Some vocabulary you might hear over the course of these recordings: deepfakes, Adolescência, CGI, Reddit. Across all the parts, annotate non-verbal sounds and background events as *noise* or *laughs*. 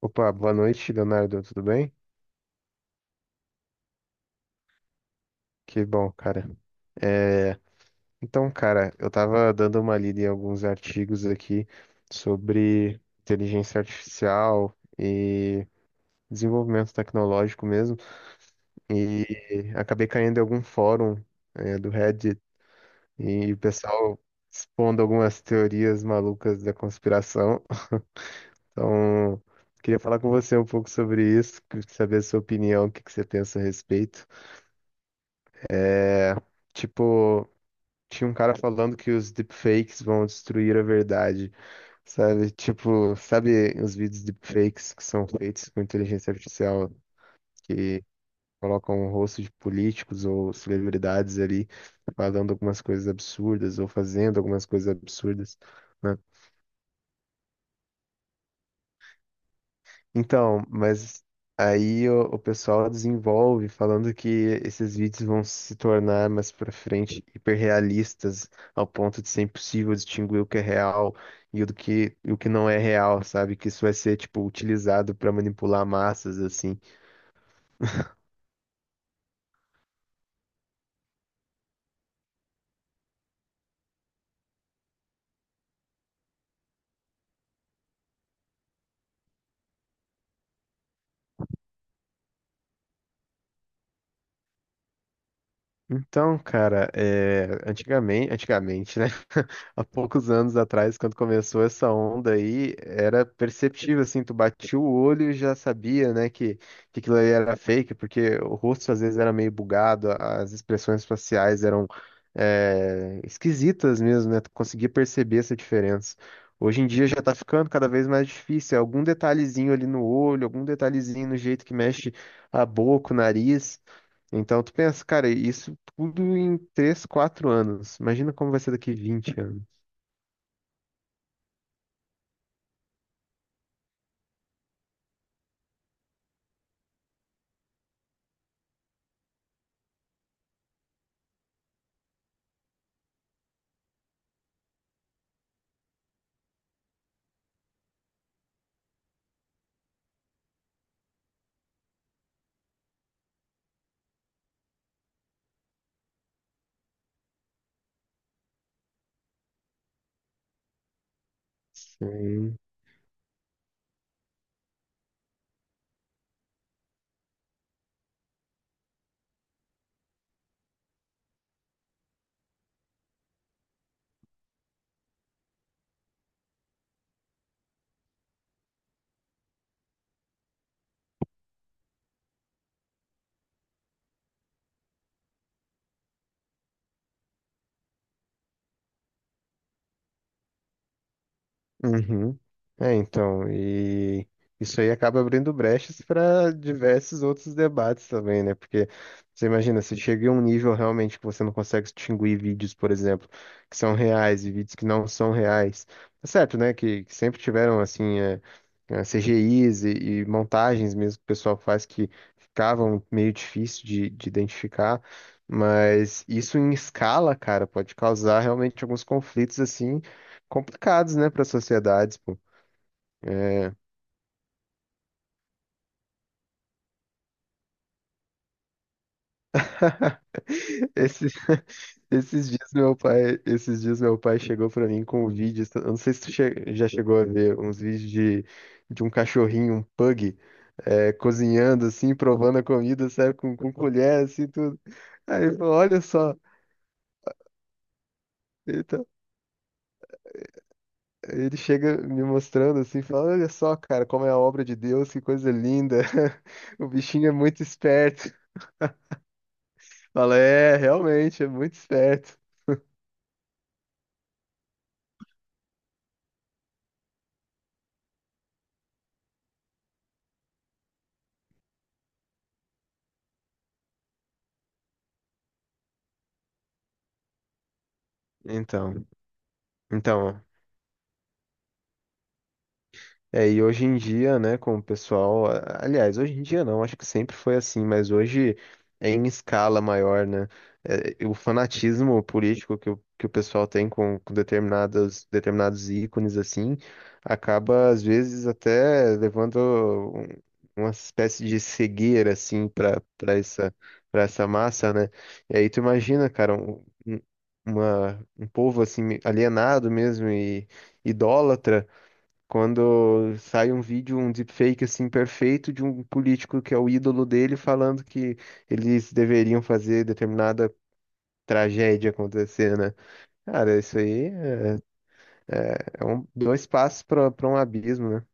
Opa, boa noite, Leonardo, tudo bem? Que bom, cara. É, então, cara, eu tava dando uma lida em alguns artigos aqui sobre inteligência artificial e desenvolvimento tecnológico mesmo, e acabei caindo em algum fórum, do Reddit e o pessoal expondo algumas teorias malucas da conspiração. Então, queria falar com você um pouco sobre isso, saber a sua opinião, o que que você pensa a respeito. É, Tipo, Tinha um cara falando que os deepfakes vão destruir a verdade, sabe? Tipo, sabe os vídeos deepfakes que são feitos com inteligência artificial que colocam o rosto de políticos ou celebridades ali falando algumas coisas absurdas ou fazendo algumas coisas absurdas, né? Então, mas aí o pessoal desenvolve falando que esses vídeos vão se tornar mais pra frente hiperrealistas ao ponto de ser impossível distinguir o que é real e o que não é real, sabe? Que isso vai ser tipo utilizado pra manipular massas assim. Então, cara, antigamente, né? *laughs* Há poucos anos atrás, quando começou essa onda aí, era perceptível, assim, tu batia o olho e já sabia, né, que aquilo ali era fake, porque o rosto às vezes era meio bugado, as expressões faciais eram esquisitas mesmo, né? Tu conseguia perceber essa diferença. Hoje em dia já tá ficando cada vez mais difícil, é algum detalhezinho ali no olho, algum detalhezinho no jeito que mexe a boca, o nariz. Então tu pensa, cara, isso tudo em 3, 4 anos. Imagina como vai ser daqui 20 anos. Isso aí. Uhum. Então, e isso aí acaba abrindo brechas para diversos outros debates também, né? Porque você imagina, se chega em um nível realmente que você não consegue distinguir vídeos, por exemplo, que são reais e vídeos que não são reais. Tá certo, né? Que sempre tiveram, assim, CGIs e montagens mesmo que o pessoal faz que ficavam meio difícil de identificar, mas isso em escala, cara, pode causar realmente alguns conflitos, assim complicados, né, para sociedades, pô. É. *laughs* Esses, *laughs* esses dias meu pai chegou pra mim com um vídeo, eu não sei se já chegou a ver uns vídeos de um cachorrinho, um pug, cozinhando assim, provando a comida, sabe, com colher assim, tudo. Aí ele falou, olha só. Então, ele chega me mostrando assim, fala, olha só, cara, como é a obra de Deus, que coisa linda. *laughs* O bichinho é muito esperto. Fala, é, realmente, é muito esperto. Então, então, e hoje em dia, né, com o pessoal, aliás, hoje em dia não, acho que sempre foi assim, mas hoje é em escala maior, né? É, o fanatismo político que o pessoal tem com determinadas, determinados ícones, assim, acaba, às vezes, até levando um- uma espécie de cegueira, assim, para essa massa, né? E aí tu imagina, cara, um povo, assim, alienado mesmo e idólatra quando sai um vídeo, um deepfake assim perfeito de um político que é o ídolo dele falando que eles deveriam fazer determinada tragédia acontecer, né? Cara, isso aí é dois passos para um abismo, né?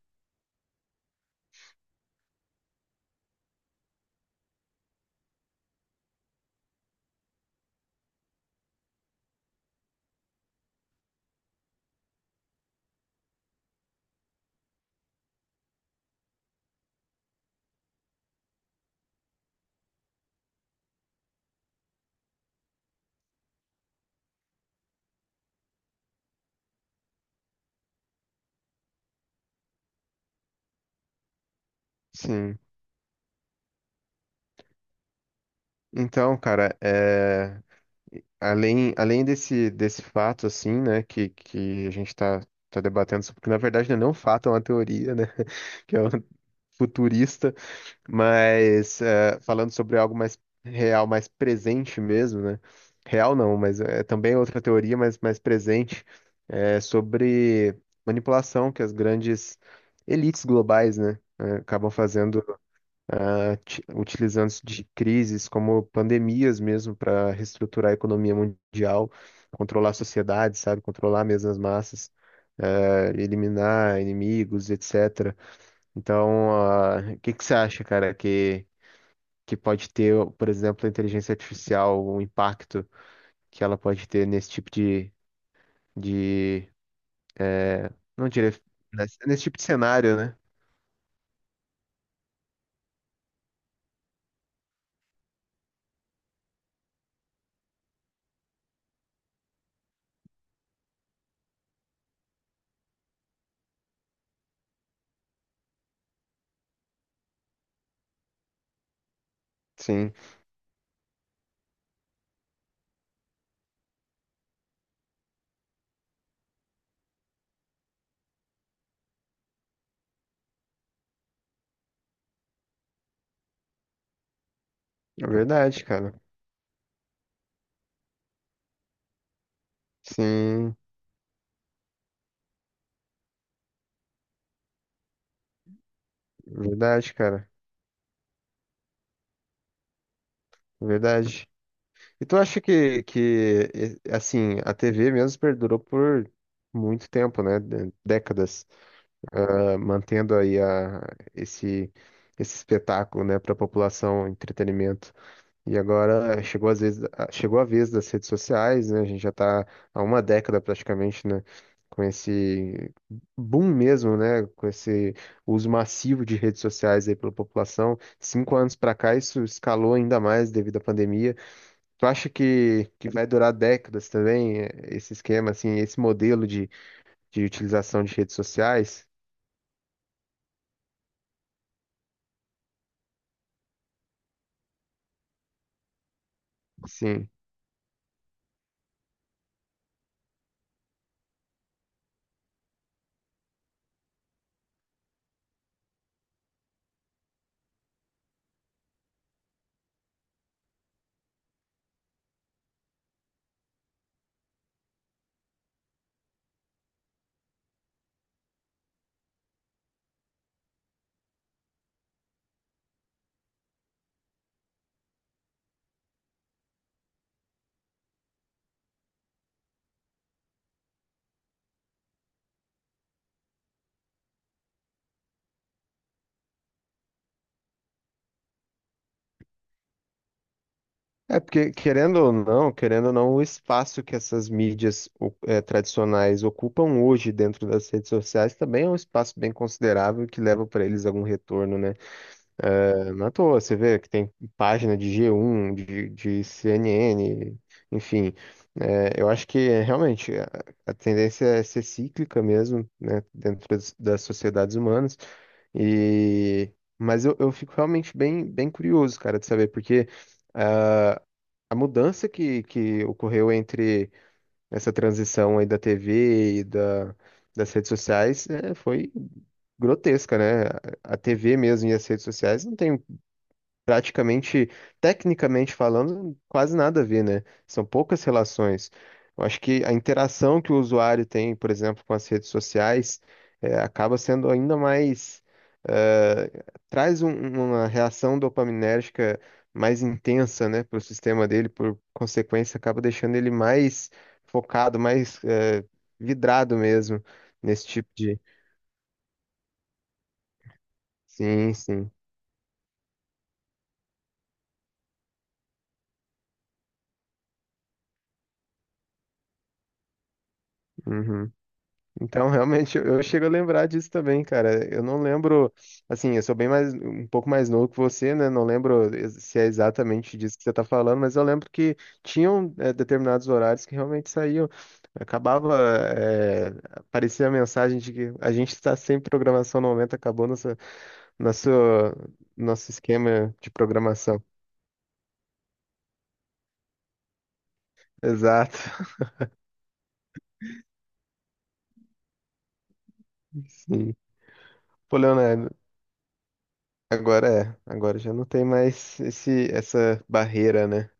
Sim. Então, cara, além desse, desse fato assim, né, que a gente tá, tá debatendo sobre, porque na verdade não é nem um fato, é uma teoria, né? *laughs* Que é um futurista. Mas falando sobre algo mais real, mais presente mesmo, né? Real não, mas é também é outra teoria, mas mais presente, é sobre manipulação que as grandes elites globais, né? Acabam fazendo, utilizando isso de crises como pandemias mesmo para reestruturar a economia mundial, controlar a sociedade, sabe? Controlar mesmo as massas, eliminar inimigos, etc. Então, o que que você acha, cara, que pode ter, por exemplo, a inteligência artificial, o impacto que ela pode ter nesse tipo de, não diria, nesse tipo de cenário, né? Sim, é verdade, cara. Sim, verdade, cara. Verdade. E tu acha que assim, a TV mesmo perdurou por muito tempo, né? Décadas, mantendo aí esse, esse espetáculo, né, para a população, entretenimento. E agora chegou às vezes, chegou a vez das redes sociais, né? A gente já está há uma década praticamente, né? Com esse boom mesmo, né? Com esse uso massivo de redes sociais aí pela população. 5 anos para cá, isso escalou ainda mais devido à pandemia. Tu acha que vai durar décadas também, esse esquema, assim, esse modelo de utilização de redes sociais? Sim. É porque, querendo ou não, o espaço que essas mídias tradicionais ocupam hoje dentro das redes sociais também é um espaço bem considerável que leva para eles algum retorno, né? Não à toa, você vê que tem página de G1, de CNN, enfim. Eu acho que realmente a tendência é ser cíclica mesmo, né, dentro das, das sociedades humanas. E... Mas eu fico realmente bem, bem curioso, cara, de saber, porque. ah, a mudança que ocorreu entre essa transição aí da TV e da, das redes sociais é, foi grotesca, né? A TV mesmo e as redes sociais não tem praticamente, tecnicamente falando, quase nada a ver, né? São poucas relações. Eu acho que a interação que o usuário tem, por exemplo, com as redes sociais, acaba sendo ainda mais, eh, traz uma reação dopaminérgica mais intensa, né, para o sistema dele, por consequência, acaba deixando ele mais focado, mais, vidrado mesmo nesse tipo de. Sim, sim. Uhum. Então, realmente, eu chego a lembrar disso também, cara. Eu não lembro, assim, eu sou bem mais, um pouco mais novo que você, né? Não lembro se é exatamente disso que você tá falando, mas eu lembro que tinham, determinados horários que realmente saíam. Acabava, aparecia a mensagem de que a gente está sem programação no momento, acabou nossa, nosso, nosso esquema de programação. Exato. *laughs* Sim. Pô, Leonardo, agora é, agora já não tem mais esse, essa barreira, né?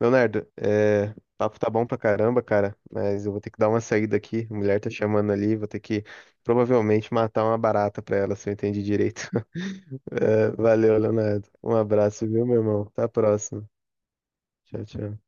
Leonardo, o papo tá bom pra caramba, cara, mas eu vou ter que dar uma saída aqui. A mulher tá chamando ali, vou ter que provavelmente matar uma barata pra ela, se eu entendi direito. *laughs* É, valeu, Leonardo. Um abraço, viu, meu irmão? Até a próxima. Tchau, tchau.